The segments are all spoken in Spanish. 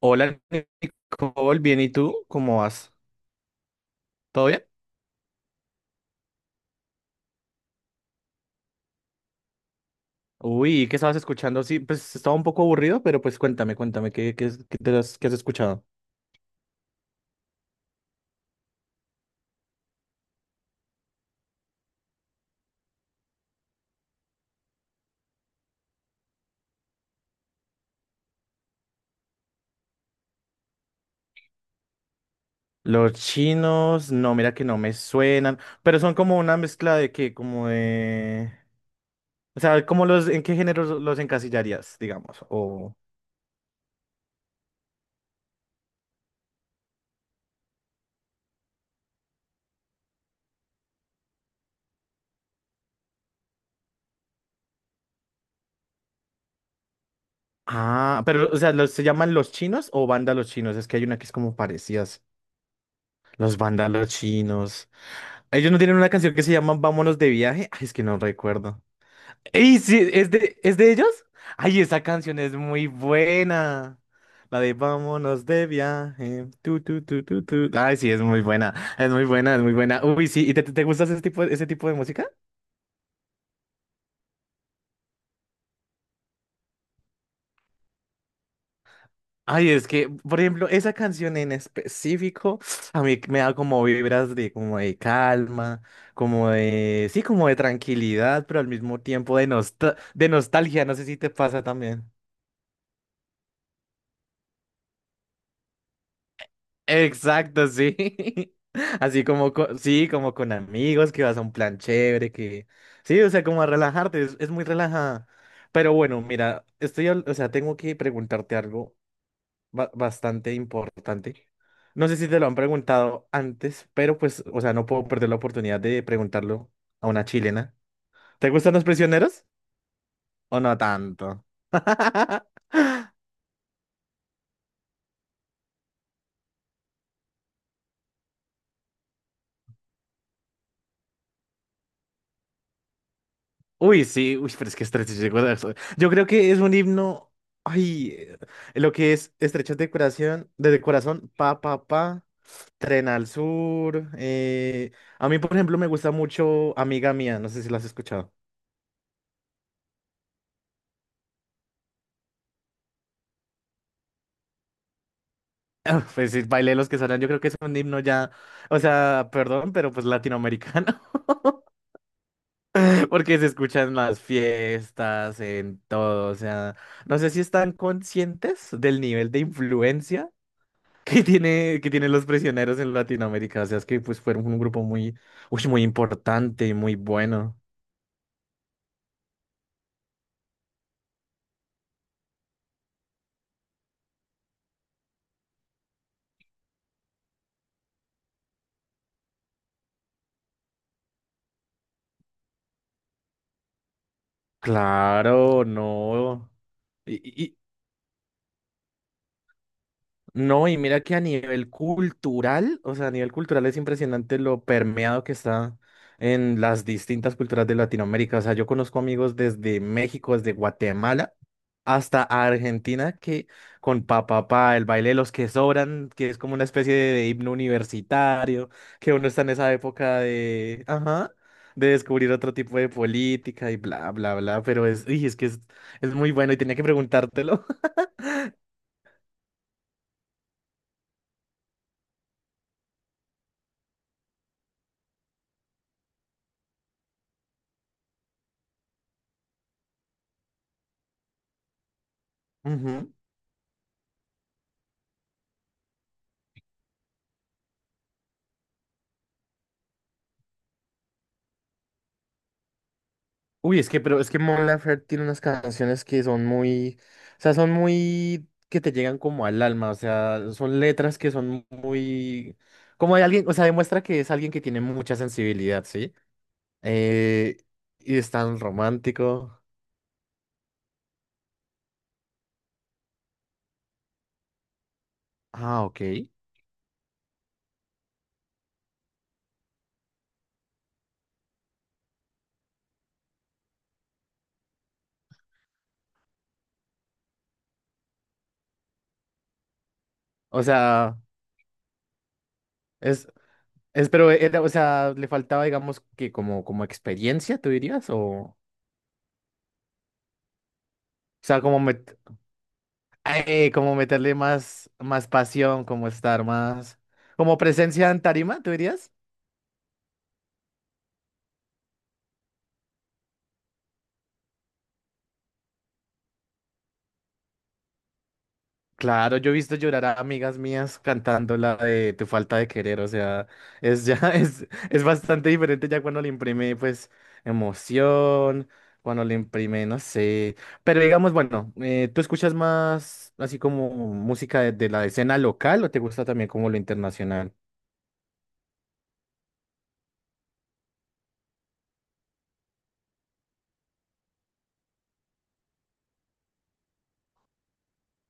Hola Nicole, bien, ¿y tú? ¿Cómo vas? ¿Todo bien? Uy, ¿y ¿qué estabas escuchando? Sí, pues estaba un poco aburrido, pero pues cuéntame, cuéntame, ¿qué, qué, qué qué has escuchado? Los chinos, no, mira que no me suenan, pero son como una mezcla de qué, como de... O sea, ¿cómo los, en qué género los encasillarías, digamos? O... Ah, pero, o sea, ¿los, ¿se llaman los chinos o banda los chinos? Es que hay una que es como parecidas. Los bandas los chinos. Ellos no tienen una canción que se llama Vámonos de viaje. Ay, es que no recuerdo. Y sí, ¿es de ellos? Ay, esa canción es muy buena. La de Vámonos de viaje. Tu, tu, tu, tu, tu. Ay, sí, es muy buena. Es muy buena, es muy buena. Uy, sí. ¿Y te gusta ese tipo de música? Ay, es que, por ejemplo, esa canción en específico a mí me da como vibras de como de calma, como de, sí, como de tranquilidad, pero al mismo tiempo de nostalgia. No sé si te pasa también. Exacto, sí. Así como, sí, como con amigos, que vas a un plan chévere, que... Sí, o sea, como a relajarte, es muy relajada. Pero bueno, mira, o sea, tengo que preguntarte algo bastante importante. No sé si te lo han preguntado antes, pero pues, o sea, no puedo perder la oportunidad de preguntarlo a una chilena. ¿Te gustan los prisioneros o no tanto? Uy, sí, uy, pero es que estrechas de corazón. Yo creo que es un himno. Ay, lo que es estrechas de corazón, pa, pa, pa, tren al sur. A mí, por ejemplo, me gusta mucho Amiga Mía, no sé si lo has escuchado. Ah, pues sí, bailé los que suenan, yo creo que es un himno ya, o sea, perdón, pero pues latinoamericano, porque se escucha en las fiestas, en todo, o sea, no sé si están conscientes del nivel de influencia que tienen los prisioneros en Latinoamérica. O sea, es que pues fueron un grupo muy, uy, muy importante y muy bueno. Claro, no. Y, no, y mira que a nivel cultural, o sea, a nivel cultural es impresionante lo permeado que está en las distintas culturas de Latinoamérica. O sea, yo conozco amigos desde México, desde Guatemala hasta Argentina que con papá, el baile de los que sobran, que es como una especie de himno universitario, que uno está en esa época de, ajá, de descubrir otro tipo de política y bla, bla, bla, pero es, uy, es que es muy bueno y tenía que preguntártelo. Uy, es que, pero es que Mon Laferte tiene unas canciones que son muy, o sea, son muy, que te llegan como al alma, o sea, son letras que son muy, como de alguien, o sea, demuestra que es alguien que tiene mucha sensibilidad, ¿sí? Eh, y es tan romántico. Ah, ok. O sea, es, es, pero era, o sea, le faltaba, digamos, que como, como experiencia, ¿tú dirías? O sea, como, como meterle más, más pasión, como estar más, como presencia en tarima, ¿tú dirías? Claro, yo he visto llorar a amigas mías cantando la de Tu falta de querer, o sea, es ya, es bastante diferente ya cuando le imprime, pues, emoción, cuando le imprime, no sé, pero digamos, bueno, ¿tú escuchas más así como música de la escena local o te gusta también como lo internacional?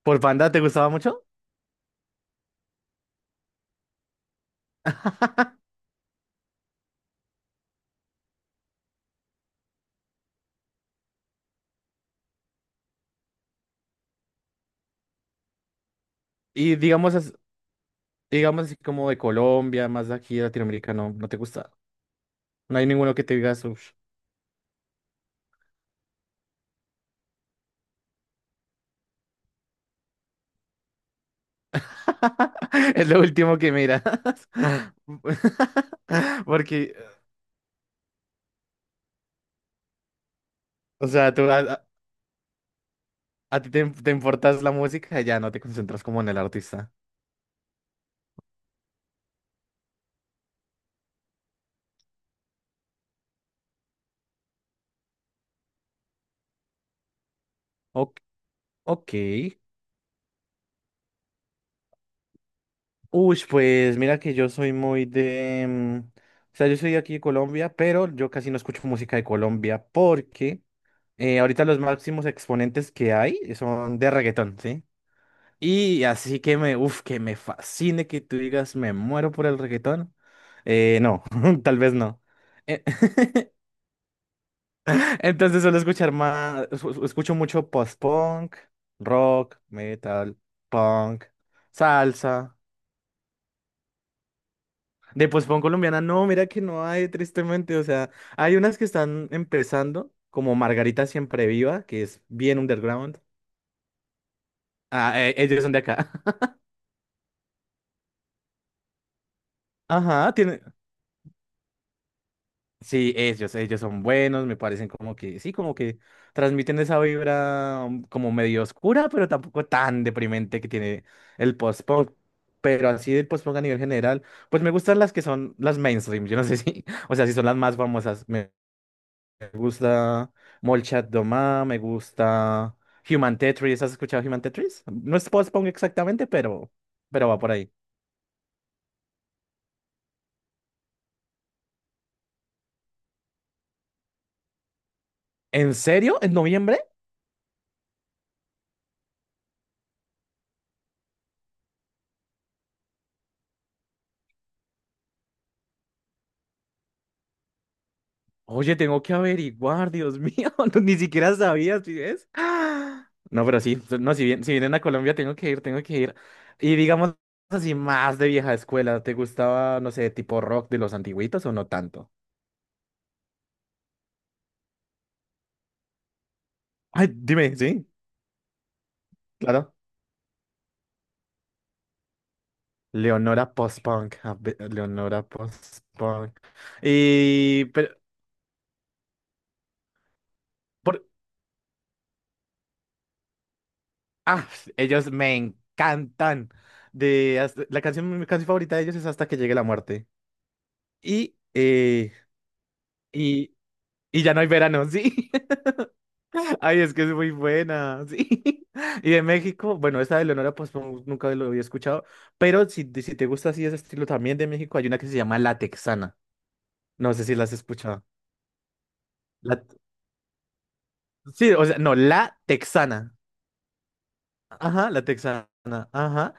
¿Por banda te gustaba mucho? Y digamos, digamos así como de Colombia, más de aquí de Latinoamérica, no, no te gusta. No hay ninguno que te digas, "Uf, es lo último que miras. Porque, o sea, a ti te, te importas la música y ya no te concentras como en el artista. Ok. Ok. Uy, pues mira que yo soy muy de... o sea, yo soy de aquí de Colombia, pero yo casi no escucho música de Colombia porque ahorita los máximos exponentes que hay son de reggaetón, ¿sí? Y así que me, uf, que me fascine que tú digas, me muero por el reggaetón. No, tal vez no. Eh, entonces suelo escuchar más, escucho mucho post-punk, rock, metal, punk, salsa. De post-punk colombiana, no, mira que no hay, tristemente. O sea, hay unas que están empezando, como Margarita Siempre Viva, que es bien underground. Ah, ellos son de acá. Ajá, sí, ellos son buenos, me parecen como que, sí, como que transmiten esa vibra como medio oscura, pero tampoco tan deprimente que tiene el post-punk. Pero así del post-punk a nivel general, pues me gustan las que son las mainstream, yo no sé si, o sea, si son las más famosas. Me gusta Molchat Doma, me gusta Human Tetris, ¿has escuchado Human Tetris? No es post-punk exactamente, pero va por ahí. ¿En serio? ¿En noviembre? Oye, tengo que averiguar, Dios mío, no, ni siquiera sabías, ¿sí ves? ¡Ah! No, pero sí, no, si bien, si vienen a Colombia, tengo que ir, tengo que ir. Y digamos así, más de vieja escuela, ¿te gustaba, no sé, tipo rock de los antiguitos o no tanto? Ay, dime, sí, claro. Leonora post-punk, Leonora post-punk. Y, pero, por, ah, ellos me encantan. De, la canción, mi canción favorita de ellos es Hasta que llegue la muerte. Y, eh, y y ya no hay verano, sí. Ay, es que es muy buena, sí. Y de México, bueno, esta de Leonora Postman nunca lo había escuchado, pero si, si te gusta así ese estilo también de México, hay una que se llama La Texana. No sé si la has escuchado. La- sí, o sea, no, La Texana. Ajá, La Texana, ajá.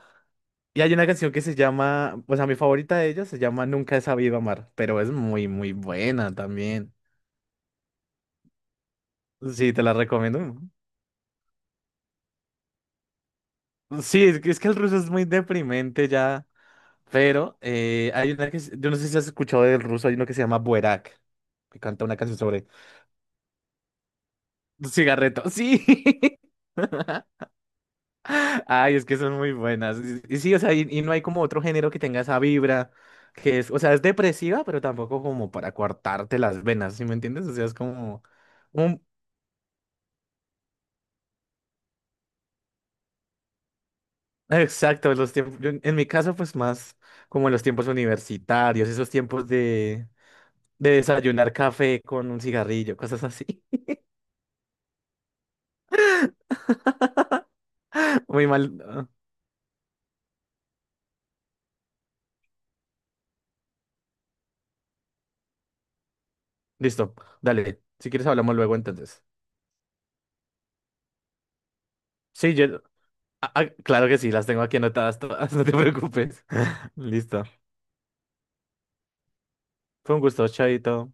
Y hay una canción que se llama, pues a mi favorita de ellas se llama Nunca he sabido amar, pero es muy, muy buena también. Sí, te la recomiendo. Sí, es que el ruso es muy deprimente ya. Pero hay una que, yo no sé si has escuchado del ruso, hay uno que se llama Buerak, que canta una canción sobre cigarreto. Sí. Ay, es que son muy buenas. Y sí, o sea, y no hay como otro género que tenga esa vibra, que es, o sea, es depresiva, pero tampoco como para cortarte las venas, ¿sí me entiendes? O sea, es como un... Exacto, los tiempos, yo en mi caso, pues más como en los tiempos universitarios, esos tiempos de desayunar café con un cigarrillo, cosas así. Muy mal. Ah. Listo, dale. Si quieres hablamos luego entonces. Sí, yo... ah, ah, claro que sí, las tengo aquí anotadas todas, no te preocupes. Listo. Fue un gusto, chaito.